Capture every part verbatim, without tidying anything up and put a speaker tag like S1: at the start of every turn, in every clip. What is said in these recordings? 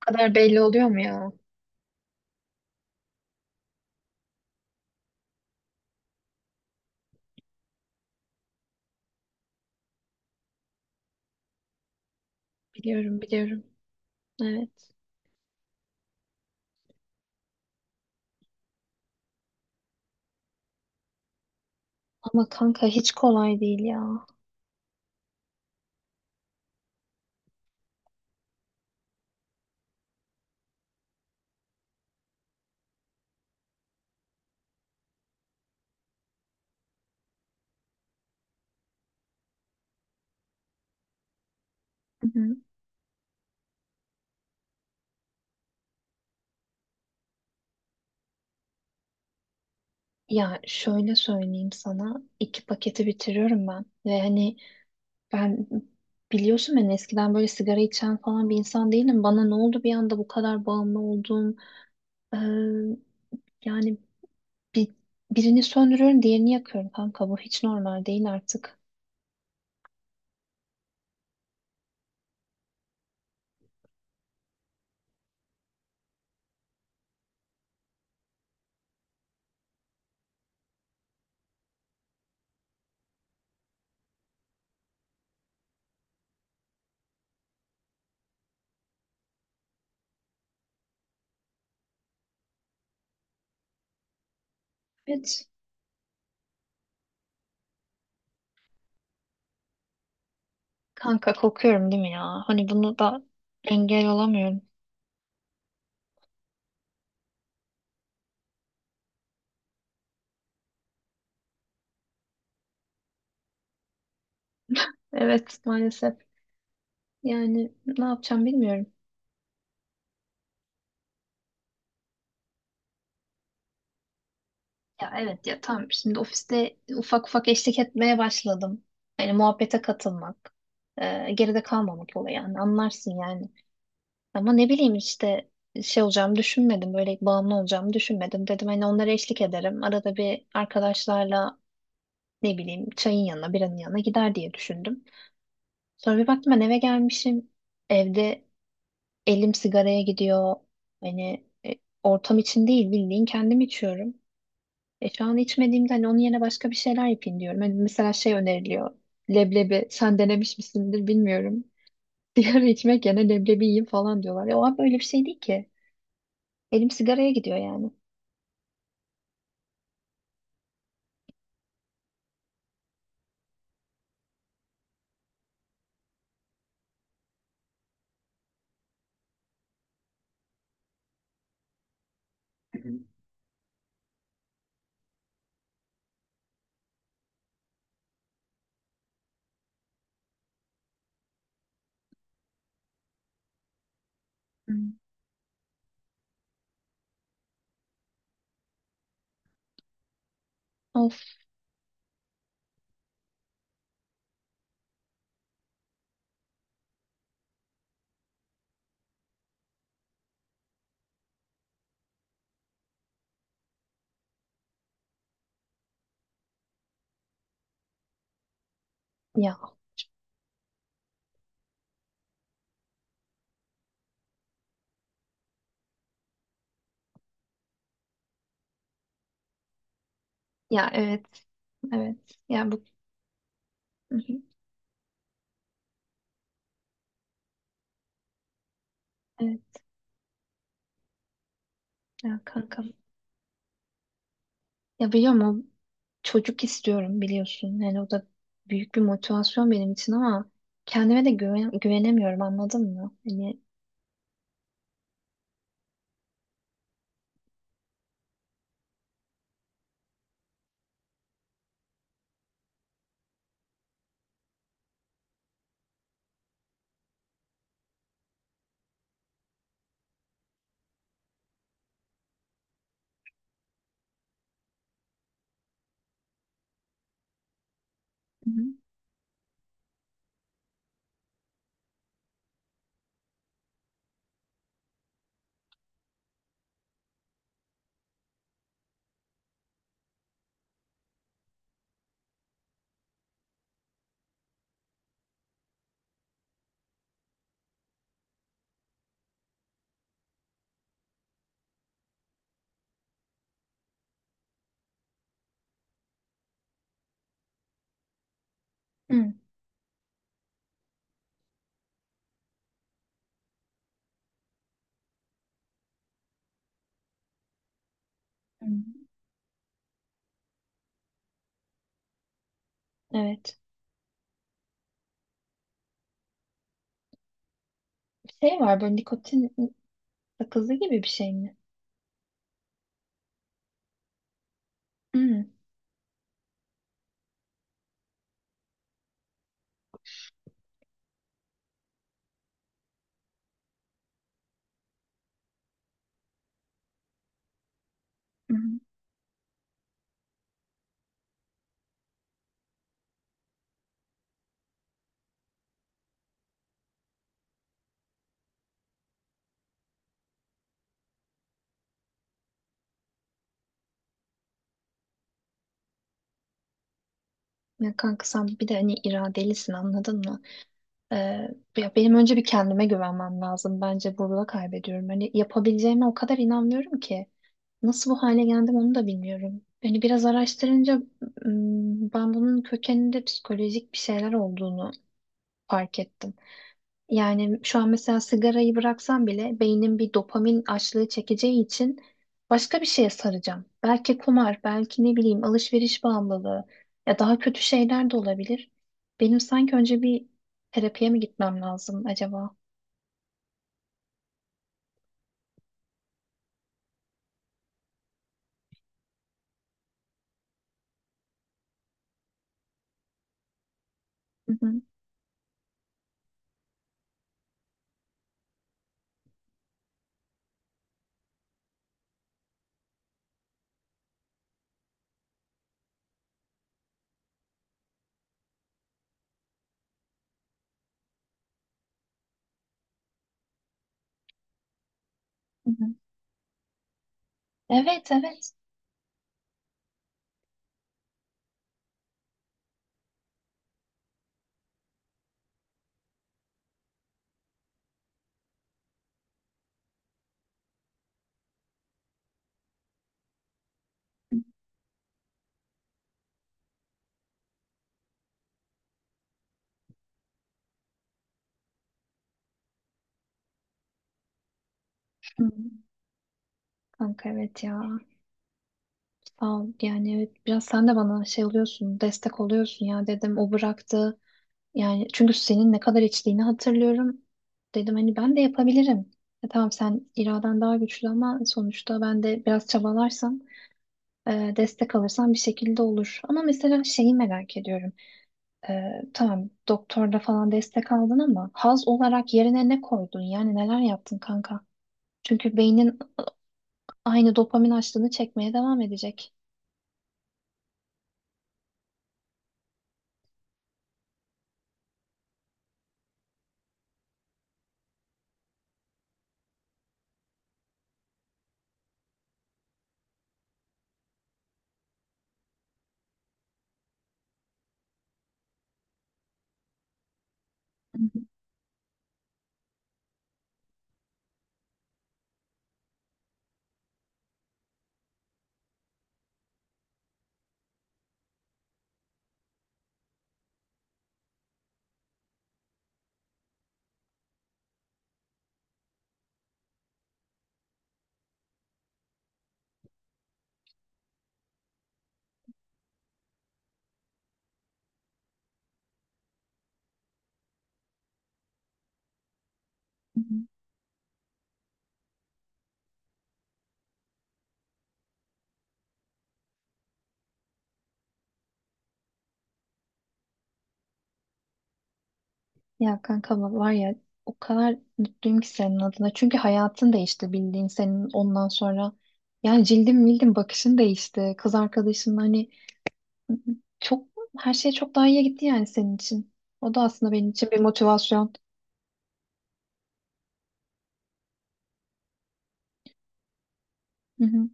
S1: Kadar belli oluyor mu ya? Biliyorum, biliyorum. Evet. Ama kanka hiç kolay değil ya. Hı hı. Ya şöyle söyleyeyim sana, iki paketi bitiriyorum ben ve hani ben biliyorsun ben eskiden böyle sigara içen falan bir insan değilim. Bana ne oldu bir anda bu kadar bağımlı oldum. Ee, yani bir, birini söndürüyorum, diğerini yakıyorum kanka. Bu hiç normal değil artık. Evet. Kanka kokuyorum değil mi ya? Hani bunu da engel olamıyorum. Evet maalesef. Yani ne yapacağım bilmiyorum. Ya evet ya tamam şimdi ofiste ufak ufak eşlik etmeye başladım. Yani muhabbete katılmak, e, geride kalmamak olayı yani anlarsın yani. Ama ne bileyim işte şey olacağımı düşünmedim, böyle bağımlı olacağımı düşünmedim. Dedim hani onlara eşlik ederim. Arada bir arkadaşlarla ne bileyim çayın yanına, biranın yanına gider diye düşündüm. Sonra bir baktım ben eve gelmişim. Evde elim sigaraya gidiyor. Hani e, ortam için değil bildiğin kendim içiyorum. E şu an içmediğimde hani onun yerine başka bir şeyler yapayım diyorum. Hani mesela şey öneriliyor. Leblebi sen denemiş misindir bilmiyorum. Sigara içmek yerine leblebi yiyeyim falan diyorlar. Ya o abi öyle bir şey değil ki. Elim sigaraya gidiyor yani. Hmm. Of ya. Ya evet. Evet. Ya bu. Hı hı. Evet ya kankam. Ya biliyor musun? Çocuk istiyorum biliyorsun. Yani o da büyük bir motivasyon benim için ama kendime de güven güvenemiyorum anladın mı? Hani. Hı hı. Hı. Hı. Evet. Şey var böyle nikotin sakızı gibi bir şey mi? Hmm, hmm. Ya kanka sen bir de hani iradelisin anladın mı? Ee, ya benim önce bir kendime güvenmem lazım. Bence burada kaybediyorum. Hani yapabileceğime o kadar inanmıyorum ki. Nasıl bu hale geldim onu da bilmiyorum. Hani biraz araştırınca ım, ben bunun kökeninde psikolojik bir şeyler olduğunu fark ettim. Yani şu an mesela sigarayı bıraksam bile beynim bir dopamin açlığı çekeceği için başka bir şeye saracağım. Belki kumar, belki ne bileyim alışveriş bağımlılığı ya daha kötü şeyler de olabilir. Benim sanki önce bir terapiye mi gitmem lazım acaba? Hı hı, hı hı. Evet, evet. Hı. Kanka evet ya sağ ol yani evet biraz sen de bana şey oluyorsun destek oluyorsun ya dedim o bıraktı. Yani çünkü senin ne kadar içtiğini hatırlıyorum. Dedim hani ben de yapabilirim. E, tamam sen iraden daha güçlü ama sonuçta ben de biraz çabalarsam, e, destek alırsam bir şekilde olur. Ama mesela şeyi merak ediyorum. E, tamam doktorda falan destek aldın ama haz olarak yerine ne koydun? Yani neler yaptın kanka? Çünkü beynin aynı dopamin açlığını çekmeye devam edecek. Ya kanka var ya o kadar mutluyum ki senin adına. Çünkü hayatın değişti bildiğin senin ondan sonra. Yani cildin bildim bakışın değişti. Kız arkadaşın hani çok her şey çok daha iyiye gitti yani senin için. O da aslında benim için bir motivasyon. Hı hı.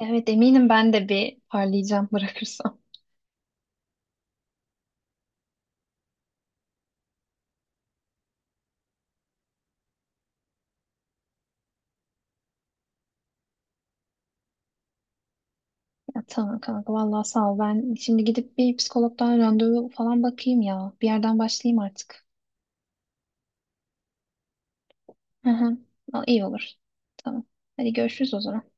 S1: Evet eminim ben de bir parlayacağım bırakırsam. Ya tamam kanka vallahi sağ ol. Ben şimdi gidip bir psikologdan randevu falan bakayım ya. Bir yerden başlayayım artık. Hı hı. Aa, İyi olur. Tamam. Hadi görüşürüz o zaman.